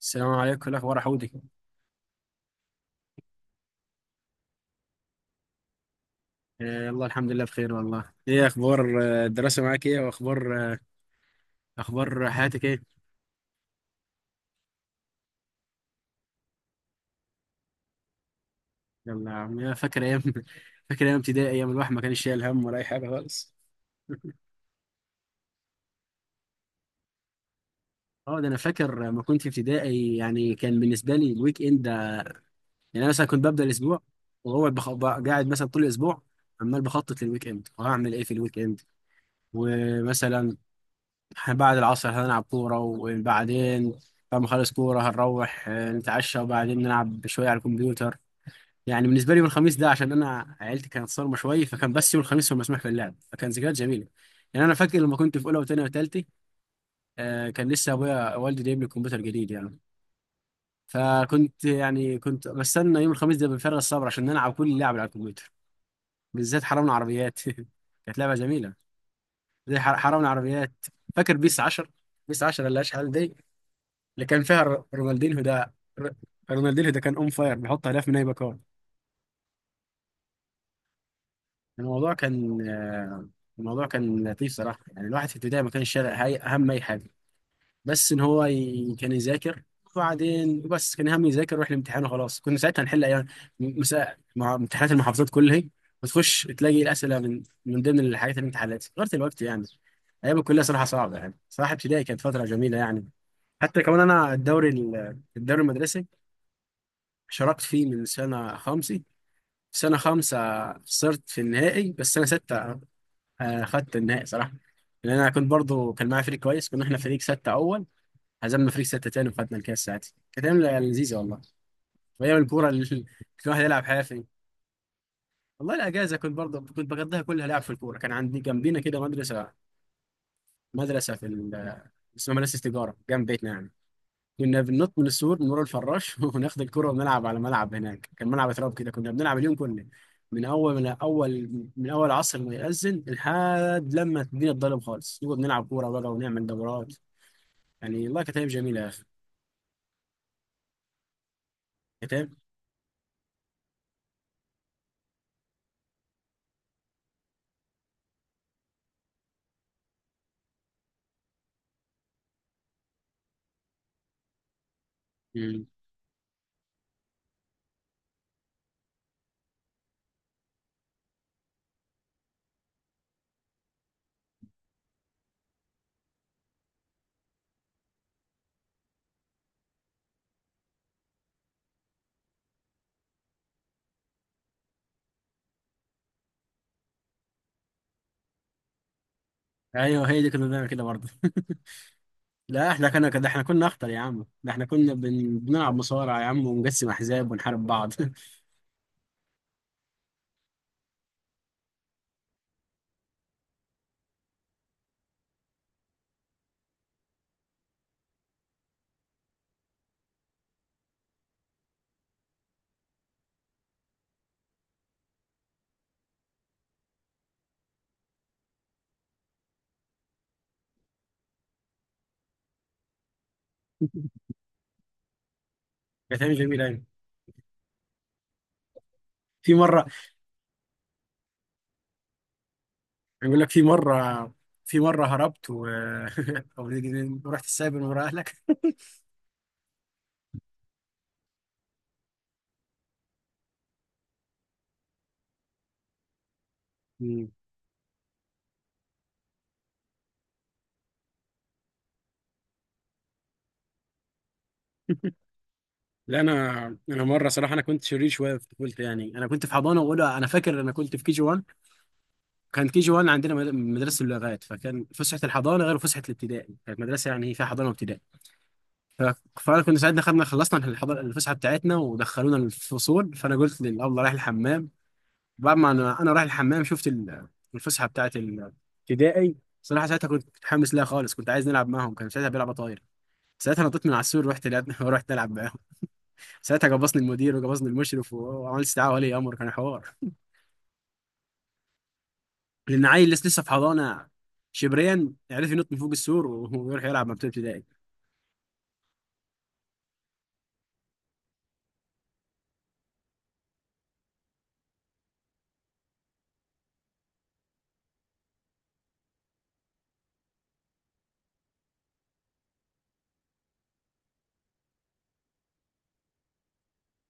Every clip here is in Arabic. السلام عليكم، إيه الاخبار يا حودي؟ الله، الحمد لله بخير والله. ايه اخبار، الدراسه معاك، ايه واخبار اخبار حياتك؟ ايه يلا يا عم، يا فاكر ايام؟ فاكر ايام ابتدائي، ايام الواحد ما كانش شايل هم ولا اي حاجه خالص. اه ده انا فاكر لما كنت في ابتدائي، يعني كان بالنسبه لي الويك اند يعني انا مثلا كنت ببدا الاسبوع قاعد مثلا طول الاسبوع، عمال بخطط للويك اند، وهعمل ايه في الويك اند. ومثلا إحنا بعد العصر هنلعب كورة، وبعدين بعد ما نخلص كورة هنروح نتعشى، وبعدين نلعب شوية على الكمبيوتر. يعني بالنسبة لي يوم الخميس ده، عشان أنا عيلتي كانت صارمة شوية، فكان بس يوم الخميس هو مسموح في اللعب، فكان ذكريات جميلة. يعني أنا فاكر لما كنت في أولى وتانية وتالتة، كان لسه أبويا والدي جايب لي كمبيوتر جديد يعني. فكنت يعني كنت بستنى يوم الخميس ده بفارغ الصبر عشان نلعب كل اللعب على الكمبيوتر، بالذات حرامنا عربيات. كانت لعبة جميلة، زي حرامنا عربيات. فاكر بيس 10؟ بيس 10 اللي أشحال دي، اللي كان فيها رونالدينهو ده. ر- رونالدينهو ده كان اون فاير، بيحط اهداف من اي مكان. الموضوع كان آه، الموضوع كان لطيف صراحه. يعني الواحد في البدايه ما كانش شارع هاي اهم اي حاجه، بس كان يذاكر وبعدين. بس كان هم يذاكر ويروح الامتحان وخلاص، كنا ساعتها نحل ايام مساء مع امتحانات المحافظات كلها، وتخش تلاقي الاسئله من ضمن الحاجات اللي انت حلتها غير الوقت يعني. ايام الكليه صراحه صعبه، يعني صراحه ابتدائي كانت فتره جميله يعني. حتى كمان انا الدوري الدوري المدرسي شاركت فيه من سنة خمسة، سنة خمسة خسرت في النهائي، بس سنة ستة خدت النهائي صراحة، لأن أنا كنت برضو كان معايا فريق كويس، كنا إحنا فريق ستة أول، هزمنا فريق ستة تاني، وخدنا الكاس. ساعتها كانت أيام لذيذة والله، وأيام الكورة اللي الواحد يلعب حافي. والله الأجازة كنت برضو كنت بقضيها كلها لعب في الكورة، كان عندي جنبينا كده مدرسة، مدرسة في ال- اسمها مدرسة تجارة جنب بيتنا يعني. كنا بننط من السور من ورا الفراش وناخد الكرة ونلعب على ملعب هناك، كان ملعب تراب كده، كنا بنلعب اليوم كله، من اول عصر ما يأذن لحد لما الدنيا تضلم خالص، نقعد نلعب كورة بقى ونعمل دورات. يعني والله كانت ايام جميلة يا اخي. كانت أيام- مم. ايوه، هي دي كنا بنعمل كده برضه. لا احنا كنا كده، احنا كنا اخطر يا عم، ده احنا كنا بنلعب مصارعة يا عم، ونقسم احزاب ونحارب بعض. كانت ايام جميلة أوي. في مرة يقول لك، في مرة هربت أو رحت السايبر ورا أهلك. مم. لا أنا، أنا مرة صراحة، أنا كنت شرير شوية في طفولتي، يعني أنا كنت في حضانة وأولى. أنا فاكر أنا كنت في كي جي 1، كان كي جي 1 عندنا مدرسة اللغات، فكان فسحة الحضانة غير فسحة الابتدائي، كانت مدرسة يعني فيها حضانة وابتدائي. ف... فأنا كنا ساعتها خدنا خلصنا الحضانة، الفسحة بتاعتنا، ودخلونا الفصول، فأنا قلت للأبله رايح الحمام. بعد ما انا رايح الحمام شفت الفسحه بتاعت الابتدائي، صراحه ساعتها كنت متحمس لها خالص، كنت عايز نلعب معاهم، كان ساعتها بيلعب طاير. ساعتها نطيت من على السور، ورحت لعبنا ورحت نلعب معاهم. ساعتها جبصني المدير وجبصني المشرف، وعملت استدعاء ولي امر، كان حوار، لان عيل لسه لسه في حضانه، شبريا عرف ينط من فوق السور ويروح يلعب مع بتوع ابتدائي.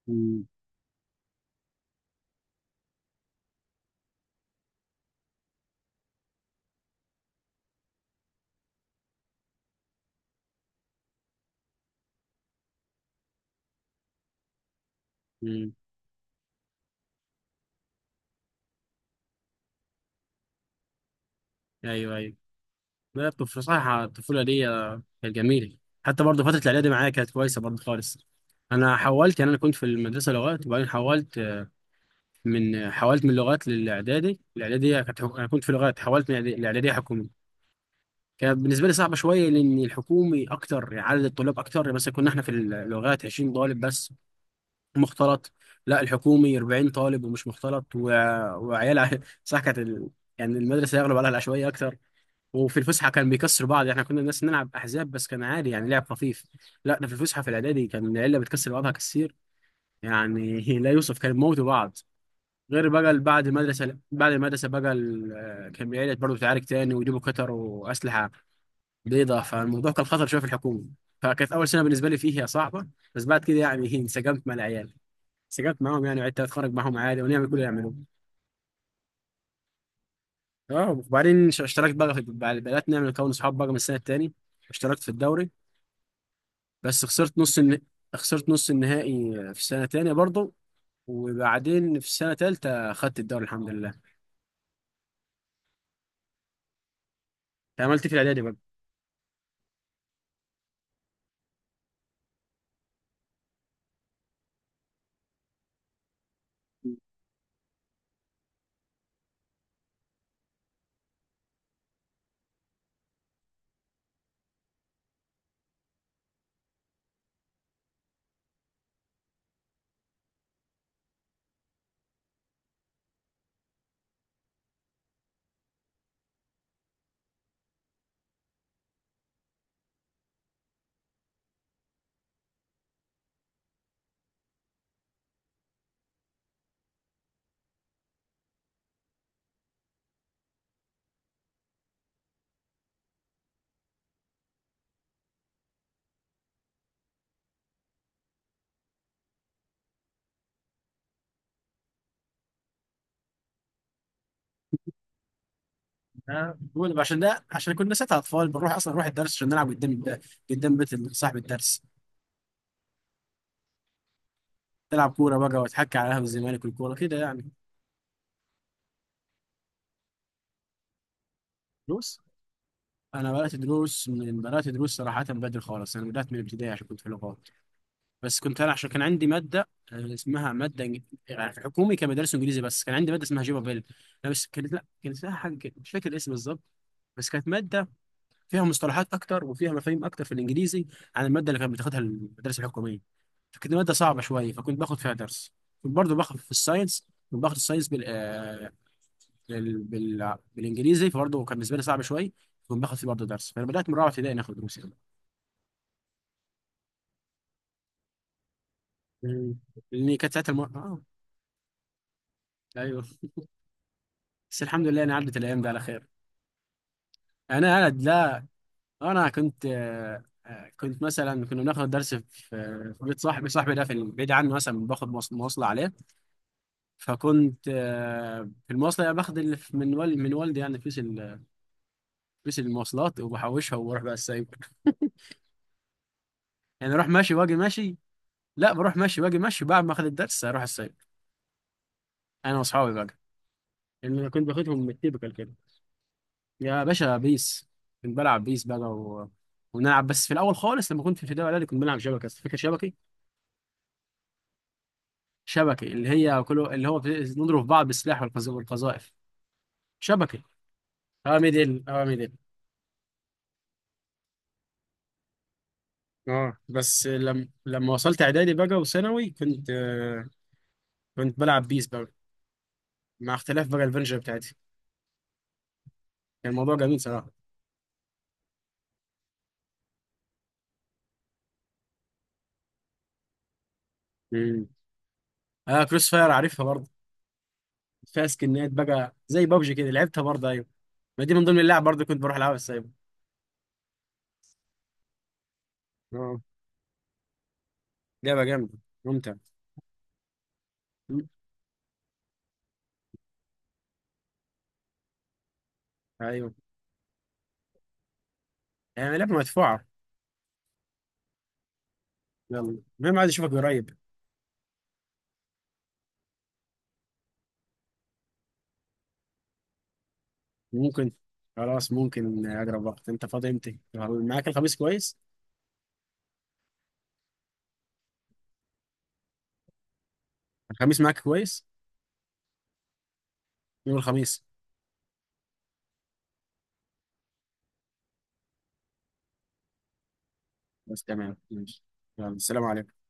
مم. مم. ايوه، ايوه. لا صراحه الطفوله دي كانت جميله. حتى برضه فتره الاعدادي معايا كانت كويسه برضه خالص. انا حولت يعني، انا كنت في المدرسه لغات، وبعدين حولت. حولت من لغات للاعدادي، الاعداديه كانت انا كنت في لغات، حولت من الاعداديه حكومي. كانت بالنسبه لي صعبه شويه، لان الحكومي اكتر، عدد الطلاب اكتر. مثلا كنا احنا في اللغات 20 طالب بس، مختلط. لا، الحكومي 40 طالب، ومش مختلط، وعيال صح، يعني المدرسه يغلب عليها العشوائيه اكتر. وفي الفسحه كان بيكسروا بعض، احنا كنا الناس نلعب احزاب بس كان عادي، يعني لعب خفيف. لا، ده في الفسحه في الاعدادي كان العيله بتكسر بعضها كتير، يعني لا يوصف، كان موتوا بعض. غير بقى بعد المدرسة بقى كان بيعيد برضه تعارك تاني، ويجيبوا كتر وأسلحة بيضة، فالموضوع كان خطر شوية في الحكومة. فكانت أول سنة بالنسبة لي فيها صعبة، بس بعد كده يعني انسجمت مع العيال، انسجمت معاهم يعني، وعدت أتخرج معاهم عادي ونعمل كل اللي يعملوه. اه، وبعدين اشتركت بقى في بدأت نعمل نكون صحاب بقى من السنة التانية، اشتركت في الدوري، بس خسرت خسرت نص النهائي في السنة التانية برضه، وبعدين في السنة التالتة خدت الدوري الحمد لله. عملت إيه في الإعدادي بقى؟ بقول عشان ده، عشان كنا ساعتها اطفال، بنروح اصلا نروح الدرس عشان نلعب قدام، قدام بيت صاحب الدرس، نلعب كوره بقى، واتحكى على قهوه الزمالك والكوره كده يعني. دروس. انا بدات دروس، صراحه بدري خالص، انا بدات من الابتدائي عشان كنت في لغات. بس كنت انا عشان كان عندي ماده اسمها ماده يعني في حكومي كان مدرسه انجليزي، بس كان عندي ماده اسمها جيبابيل. لا بس كانت، لا كانت لها حاجه كده مش فاكر الاسم بالظبط. بس كانت ماده فيها مصطلحات اكتر وفيها مفاهيم اكتر في الانجليزي، عن الماده اللي كانت بتاخدها المدرسه الحكوميه، فكانت الماده صعبه شويه، فكنت باخد فيها درس. كنت برضه باخد في الساينس، كنت باخد الساينس بالانجليزي، فبرضه كان بالنسبه لي صعب شويه، كنت باخد فيه برضه درس، فانا بدات من رابعه ابتدائي ناخد دروس يعني. مم. لان كانت ساعتها الم... اه ايوه، بس الحمد لله انا عدت الايام دي على خير. انا لا، انا كنت كنت مثلا كنا بناخد درس في بيت صاحبي، ده في بعيد عنه، مثلا باخد مواصله عليه، فكنت في المواصلة يعني باخد اللي من والدي، يعني فلوس فلوس المواصلات، وبحوشها وبروح بقى السايبر. يعني اروح ماشي واجي ماشي، لا، بروح ماشي واجي ماشي، بعد ما اخد الدرس اروح السايبر انا واصحابي بقى، لان انا كنت باخدهم من التيبكال كده. يا باشا، بيس، كنت بلعب بيس بقى ونلعب بس. في الاول خالص لما كنت في ابتدائي واعدادي كنت بلعب شبكه، بس فاكر شبكي؟ شبكي اللي هي، كله اللي هو نضرب في بعض بالسلاح والقذائف. شبكي، اوامر ديل، اوامر ديل. اه، بس لما وصلت اعدادي بقى وثانوي كنت كنت بلعب بيس بقى، مع اختلاف بقى الفيرجن بتاعتي. كان الموضوع جميل صراحه. امم اه، كروس فاير عارفها برضه. فيها سكنات بقى زي بابجي كده، لعبتها برضه، ايوه. ما دي من ضمن اللعب برضه، كنت بروح العبها، بس ايوه. اه، لعبه جامده، ممتع. مم. ايوه، يعني لعبه مدفوعه. يلا المهم، عايز اشوفك قريب. ممكن، خلاص. ممكن اقرب وقت. انت فاضي امتى؟ معاك الخميس كويس؟ الخميس معاك كويس، يوم الخميس. بس تمام، ماشي. يلا، السلام عليكم.